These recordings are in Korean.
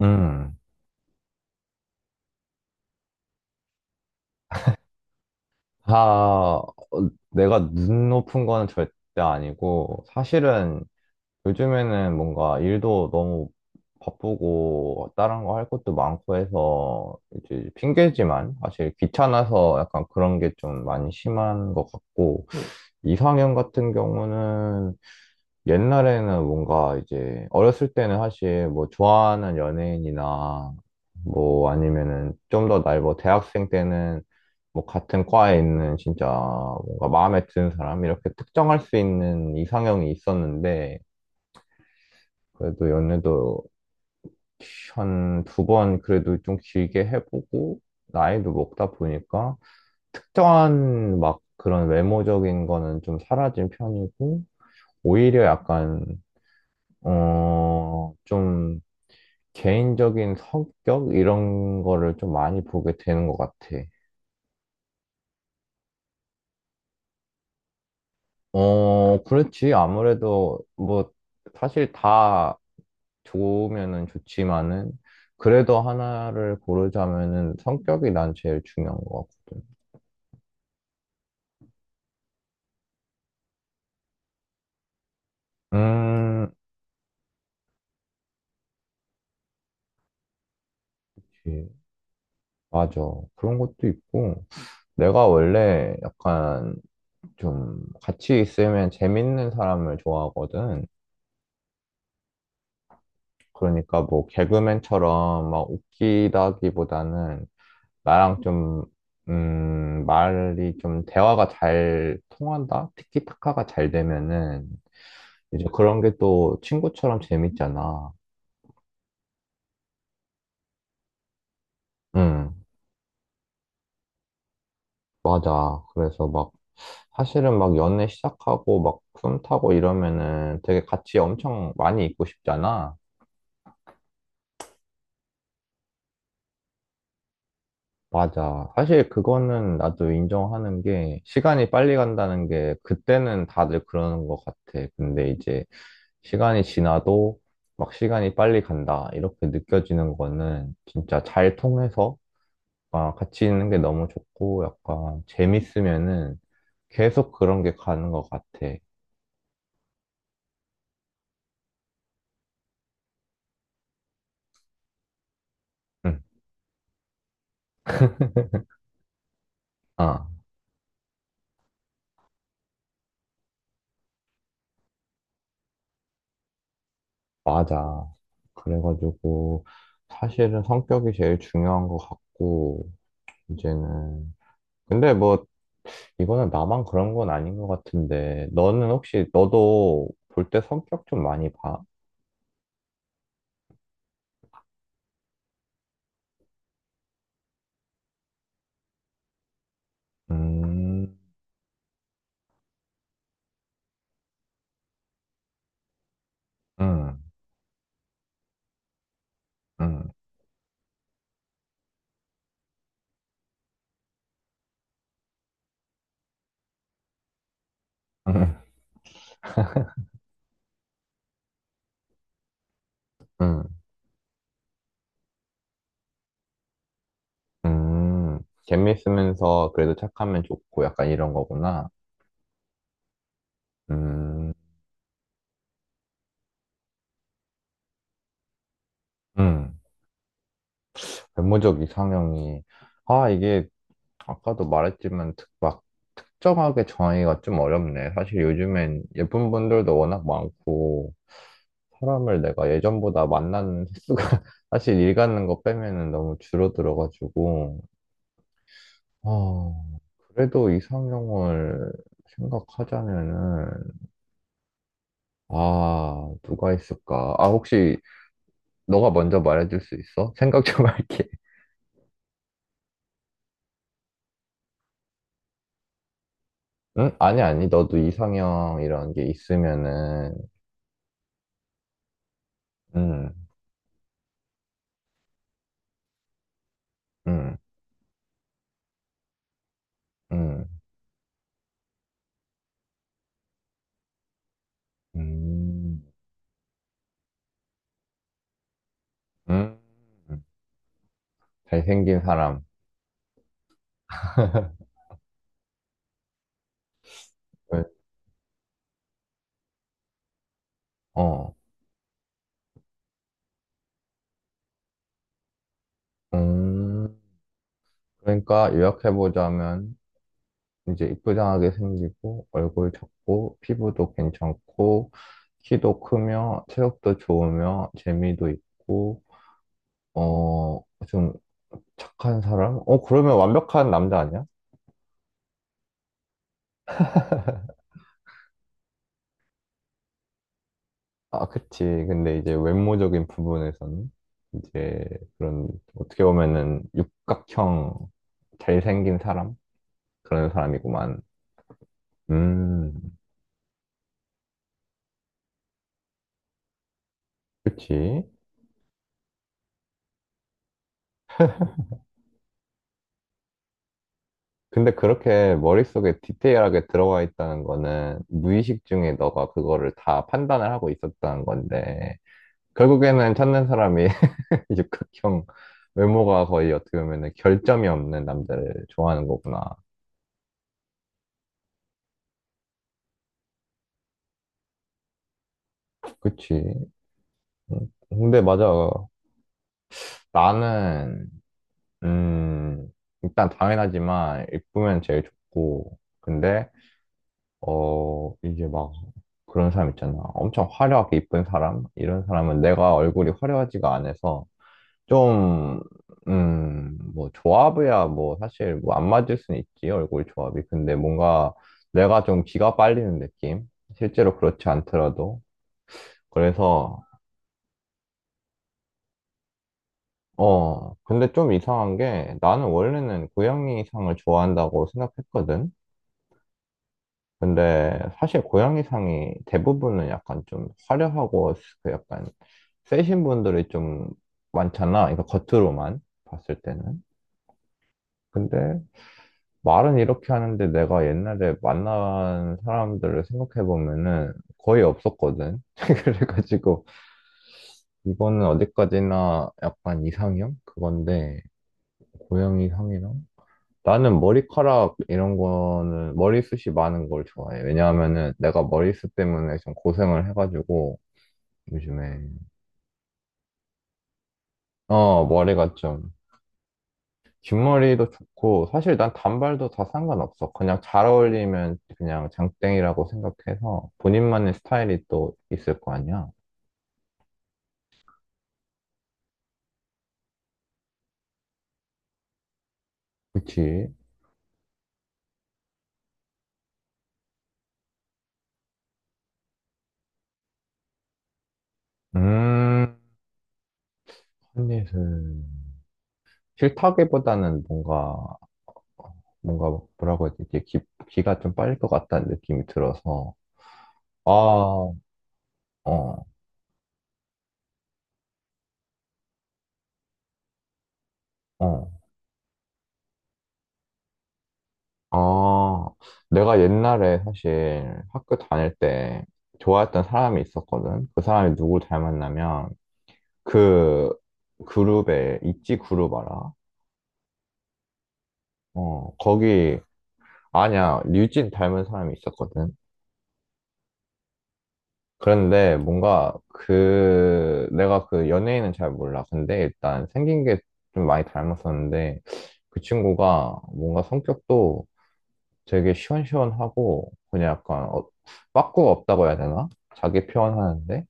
음, 다, 어, 내가 눈 높은 거는 절대 아니고, 사실은 요즘에는 뭔가 일도 너무 바쁘고, 다른 거 할 것도 많고 해서, 이제 핑계지만, 사실 귀찮아서 약간 그런 게 좀 많이 심한 것 같고, 이상형 같은 경우는 옛날에는 뭔가 이제 어렸을 때는 사실 뭐 좋아하는 연예인이나 뭐 아니면은 좀 더 나이 뭐 대학생 때는 뭐 같은 과에 있는 진짜 뭔가 마음에 드는 사람 이렇게 특정할 수 있는 이상형이 있었는데 그래도 연애도 한 두 번 그래도 좀 길게 해보고 나이도 먹다 보니까 특정한 막 그런 외모적인 거는 좀 사라진 편이고 오히려 약간 좀 개인적인 성격 이런 거를 좀 많이 보게 되는 것 같아. 어, 그렇지. 아무래도 뭐 사실 다 좋으면은 좋지만은 그래도 하나를 고르자면은 성격이 난 제일 중요한 것 같거든. 음, 그치. 맞아. 그런 것도 있고, 내가 원래 약간 좀 같이 있으면 재밌는 사람을 좋아하거든. 그러니까 뭐 개그맨처럼 막 웃기다기보다는 나랑 좀, 말이 좀 대화가 잘 통한다? 티키타카가 잘 되면은 이제 그런 게 또 친구처럼 재밌잖아. 응, 맞아. 그래서 막 사실은 막 연애 시작하고 막 썸 타고 이러면은 되게 같이 엄청 많이 있고 싶잖아. 맞아. 사실 그거는 나도 인정하는 게 시간이 빨리 간다는 게 그때는 다들 그러는 것 같아. 근데 이제 시간이 지나도 막 시간이 빨리 간다. 이렇게 느껴지는 거는 진짜 잘 통해서 아, 같이 있는 게 너무 좋고 약간 재밌으면은 계속 그런 게 가는 것 같아. 응. 아, 맞아. 그래가지고 사실은 성격이 제일 중요한 것 같고 이제는 근데 뭐 이거는 나만 그런 건 아닌 것 같은데, 너는 혹시, 너도 볼 때 성격 좀 많이 봐? 음, 음, 음, 음, 음, 재밌으면서 그래도 착하면 좋고 약간 이런 거구나. 음, 음. 외모적 이상형이, 아, 이게 아까도 말했지만 막 특정하게 정하기가 좀 어렵네. 사실 요즘엔 예쁜 분들도 워낙 많고, 사람을 내가 예전보다 만나는 횟수가 사실 일 가는 거 빼면은 너무 줄어들어가지고, 어, 그래도 이상형을 생각하자면은, 아, 누가 있을까? 아, 혹시 너가 먼저 말해줄 수 있어? 생각 좀 할게. 응? 아니, 아니, 너도 이상형 이런 게 있으면은, 응, 응, 응, 음, 음, 잘생긴 사람. 왜? 어, 음. 그러니까 요약해보자면 이제 이쁘장하게 생기고 얼굴 작고 피부도 괜찮고 키도 크며 체력도 좋으며 재미도 있고 어 좀 착한 사람? 그러면 완벽한 남자 아니야? 아, 그치. 근데 이제 외모적인 부분에서는 이제 그런 어떻게 보면은 육각형 잘생긴 사람? 그런 사람이구만. 음, 그치. 근데 그렇게 머릿속에 디테일하게 들어와 있다는 거는 무의식 중에 너가 그거를 다 판단을 하고 있었다는 건데, 결국에는 찾는 사람이 육각형 외모가 거의 어떻게 보면 결점이 없는 남자를 좋아하는 거구나. 그치. 근데 맞아. 나는, 음, 일단 당연하지만, 이쁘면 제일 좋고, 근데 이제 막 그런 사람 있잖아. 엄청 화려하게 이쁜 사람? 이런 사람은 내가 얼굴이 화려하지가 않아서 좀, 뭐 조합이야 뭐 사실 뭐 안 맞을 수는 있지, 얼굴 조합이. 근데 뭔가 내가 좀 기가 빨리는 느낌? 실제로 그렇지 않더라도. 그래서, 근데 좀 이상한 게 나는 원래는 고양이상을 좋아한다고 생각했거든. 근데 사실 고양이상이 대부분은 약간 좀 화려하고 그 약간 세신 분들이 좀 많잖아. 그러니까 겉으로만 봤을 때는. 근데 말은 이렇게 하는데 내가 옛날에 만난 사람들을 생각해 보면은 거의 없었거든. 그래가지고 이거는 어디까지나 약간 이상형 그건데 고양이상이랑 나는 머리카락 이런 거는 머리숱이 많은 걸 좋아해. 왜냐하면은 내가 머리숱 때문에 좀 고생을 해가지고 요즘에 머리가 좀 긴 머리도 좋고 사실 난 단발도 다 상관없어. 그냥 잘 어울리면 그냥 장땡이라고 생각해서 본인만의 스타일이 또 있을 거 아니야. 그치? 음, 한예슬. 싫다기보다는 뭔가 뭐라고 해야 되지? 기가 좀 빨릴 것 같다는 느낌이 들어서. 아. 어, 어. 아, 내가 옛날에 사실 학교 다닐 때 좋아했던 사람이 있었거든. 그 사람이 누굴 닮았나면 그 그룹에 있지 그룹 알아? 어, 거기 아니야. 류진 닮은 사람이 있었거든. 그런데 뭔가 내가 그 연예인은 잘 몰라. 근데 일단 생긴 게 좀 많이 닮았었는데 그 친구가 뭔가 성격도 되게 시원시원하고 그냥 약간 빠꾸가 없다고 해야 되나? 자기 표현하는데.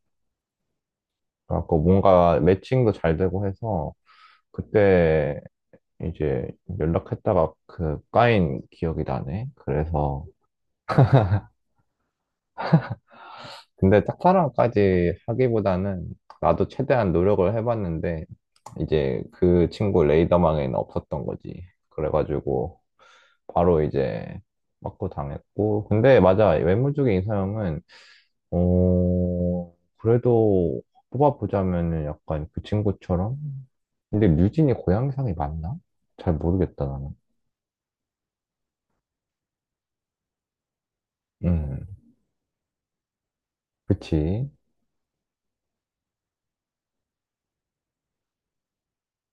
그래갖고 뭔가 매칭도 잘 되고 해서 그때 이제 연락했다가 그 까인 기억이 나네. 그래서 근데 짝사랑까지 하기보다는 나도 최대한 노력을 해봤는데 이제 그 친구 레이더망에는 없었던 거지. 그래가지고 바로 이제 빠꾸 당했고 근데 맞아. 외모 쪽의 이사형은 그래도 뽑아보자면은 약간 그 친구처럼? 근데 류진이 고향상이 맞나? 잘 모르겠다, 나는. 음, 그치.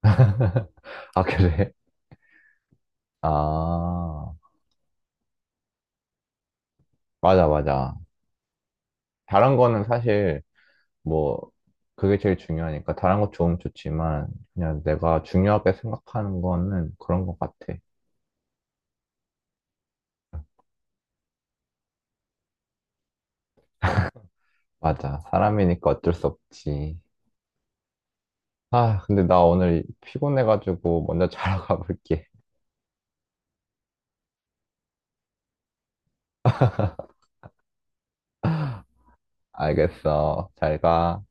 아, 그래? 아, 맞아, 맞아. 잘한 거는 사실, 뭐, 그게 제일 중요하니까. 잘한 거 좋으면 좋지만, 그냥 내가 중요하게 생각하는 거는 그런 것 같아. 맞아. 사람이니까 어쩔 수 없지. 아, 근데 나 오늘 피곤해가지고 먼저 자러 가볼게. 알겠어. 잘 가.